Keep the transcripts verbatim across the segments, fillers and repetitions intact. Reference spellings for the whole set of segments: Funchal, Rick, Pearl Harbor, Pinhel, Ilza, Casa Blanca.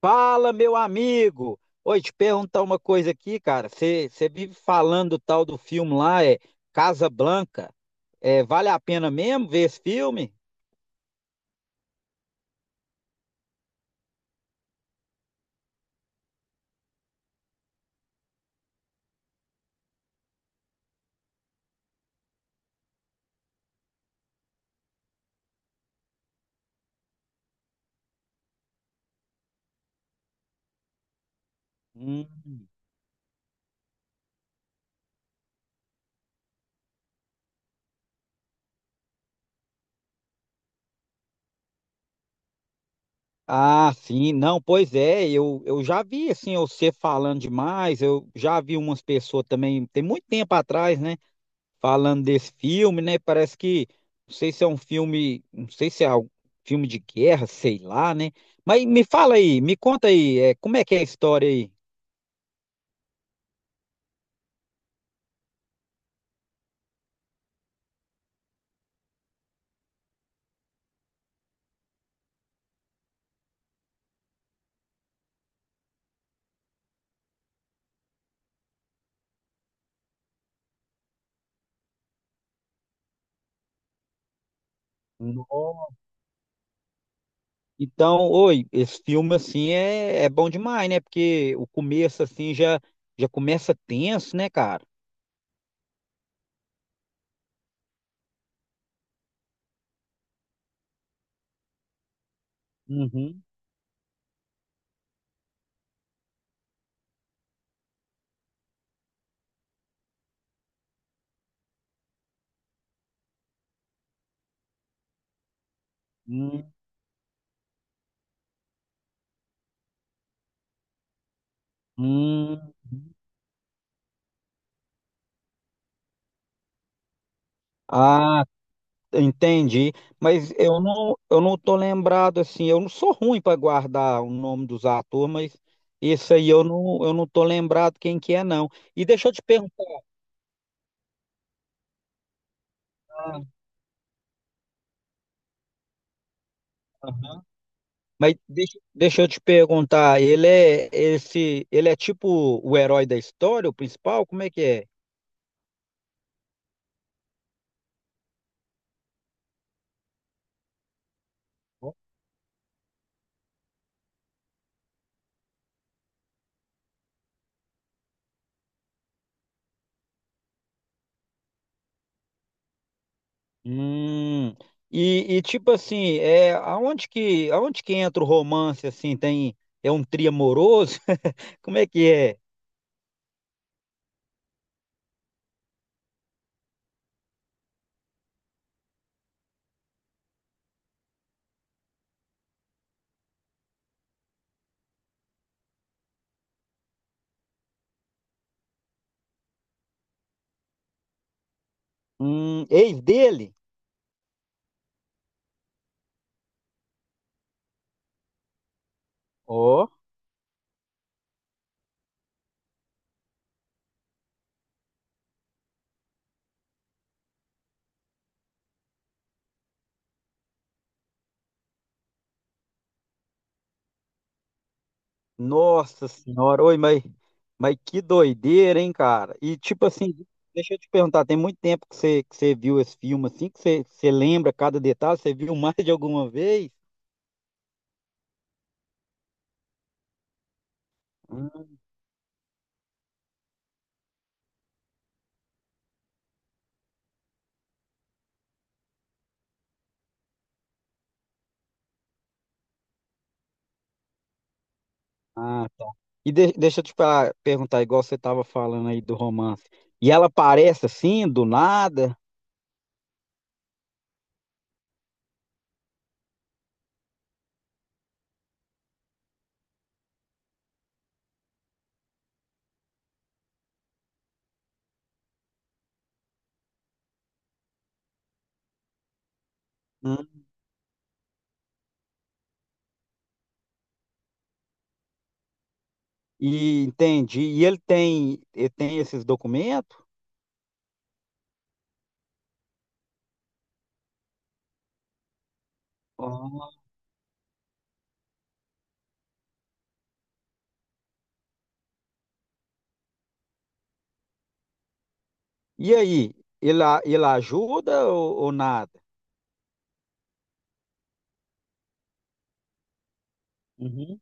Fala, meu amigo! Oi, te perguntar uma coisa aqui, cara. Você vive falando do tal do filme lá, é Casa Blanca. É, vale a pena mesmo ver esse filme? Hum. Ah, sim, não, pois é, eu, eu já vi assim, você falando demais, eu já vi umas pessoas também, tem muito tempo atrás, né, falando desse filme, né, parece que, não sei se é um filme, não sei se é um filme de guerra, sei lá, né, mas me fala aí, me conta aí, é, como é que é a história aí? Nossa. Então, oi, esse filme assim é, é bom demais, né? Porque o começo assim já já começa tenso, né, cara? Uhum. Hum, hum. Ah, entendi. Mas eu não eu não tô lembrado assim, eu não sou ruim para guardar o nome dos atores, mas esse aí eu não eu não tô lembrado quem que é não. E deixa eu te perguntar. Mas deixa, deixa eu te perguntar, ele é esse, ele é tipo o herói da história, o principal? Como é que é? Hum, e, e tipo assim, é aonde que aonde que entra o romance assim? Tem é um trio amoroso? Como é que é? Hum, ex dele? Ó, nossa senhora, oi, mas, mas que doideira, hein, cara? E tipo assim, deixa eu te perguntar, tem muito tempo que você, que você viu esse filme assim, que você, você lembra cada detalhe, você viu mais de alguma vez? Hum. Ah, tá. E de- deixa eu te pa- perguntar, igual você estava falando aí do romance. E ela aparece assim, do nada? Hum. E entendi. E ele tem, ele tem esses documentos? Ah. E aí, ele, a- ele ajuda ou, ou nada? Uhum.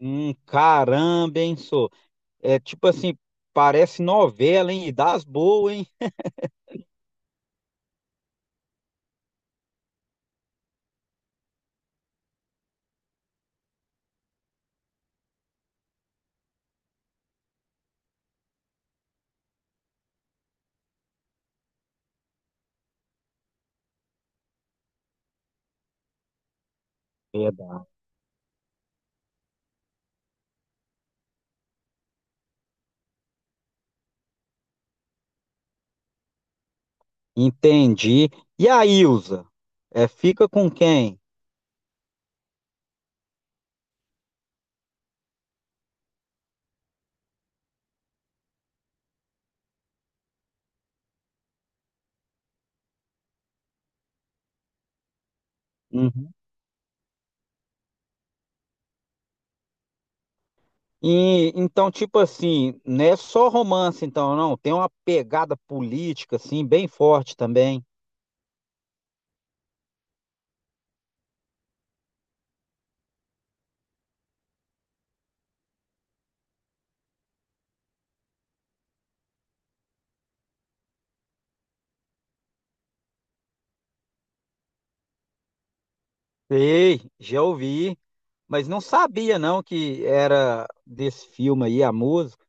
Hum, caramba, hein, sou. É tipo assim, parece novela, hein? E das boas, hein? Verdade. Entendi. E a Ilza? É, fica com quem? E então, tipo assim, não é só romance, então, não. Tem uma pegada política, assim, bem forte também. Sei, já ouvi, mas não sabia, não, que era desse filme aí a música.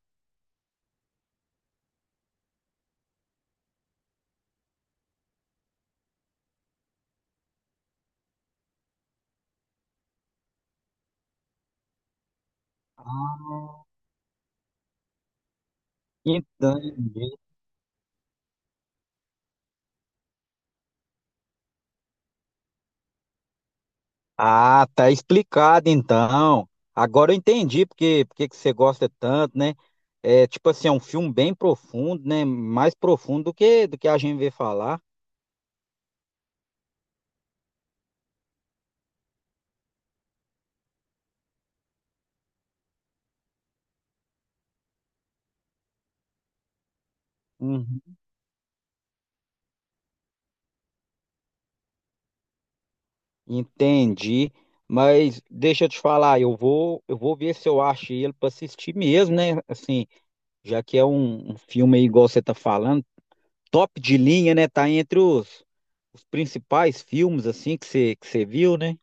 Ah, entendi. Ah, tá explicado, então. Agora eu entendi porque, porque que você gosta tanto, né? É, tipo assim, é um filme bem profundo, né? Mais profundo do que, do que a gente vê falar. Uhum. Entendi, mas deixa eu te falar, eu vou, eu vou ver se eu acho ele para assistir mesmo, né? Assim, já que é um, um filme aí, igual você tá falando, top de linha, né? Tá entre os, os principais filmes assim que você que você viu, né?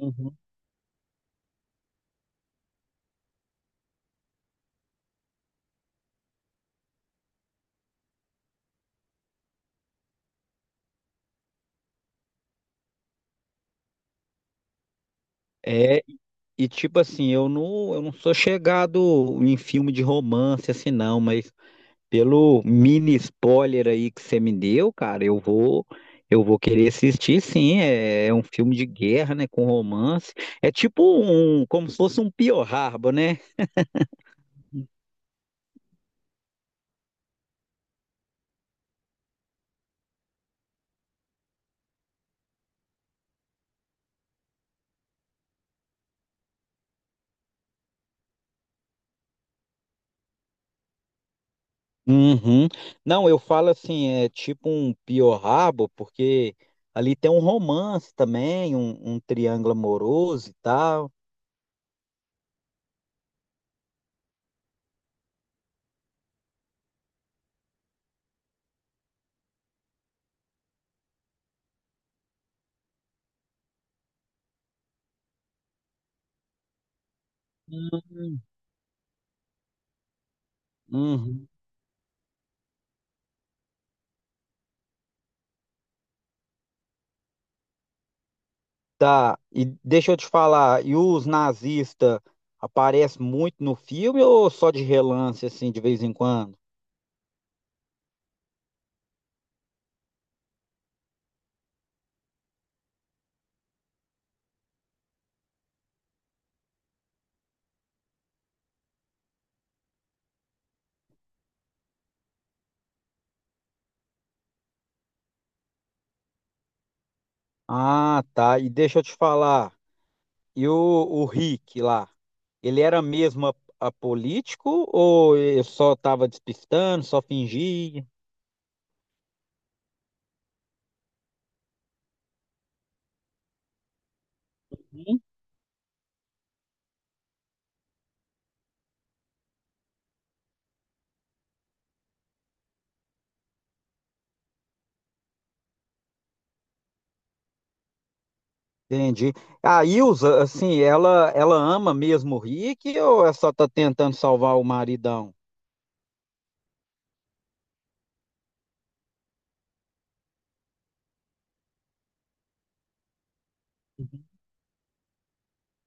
Uhum. É, e tipo assim, eu não, eu não sou chegado em filme de romance assim não, mas pelo mini spoiler aí que você me deu, cara, eu vou eu vou querer assistir, sim. É, é um filme de guerra, né, com romance. É tipo um, como se fosse um Pearl Harbor, né? Uhum. Não, eu falo assim, é tipo um Pearl Harbor, porque ali tem um romance também, um, um triângulo amoroso e tal. Uhum. Uhum. Tá, e deixa eu te falar, e os nazistas aparecem muito no filme ou só de relance, assim, de vez em quando? Ah, tá, e deixa eu te falar, e o, o Rick lá, ele era mesmo a- apolítico ou ele só tava despistando, só fingia? Hum. Entendi. A Ilza, assim, ela, ela ama mesmo o Rick ou ela só tá tentando salvar o maridão?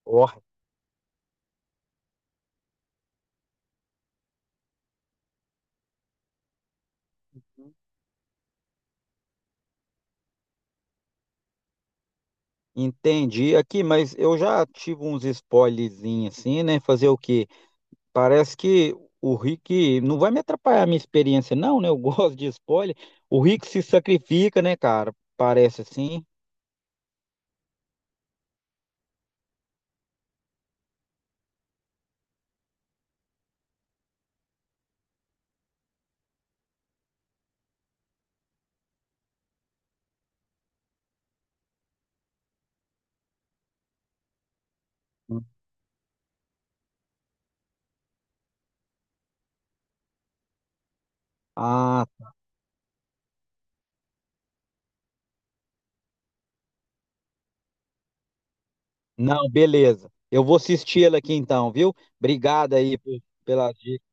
Ó. Entendi aqui, mas eu já tive uns spoilerzinhos assim, né? Fazer o quê? Parece que o Rick não vai me atrapalhar a minha experiência, não, né? Eu gosto de spoiler. O Rick se sacrifica, né, cara? Parece assim. Ah, não, beleza. Eu vou assistir ela aqui então, viu? Obrigado aí por, pelas dicas.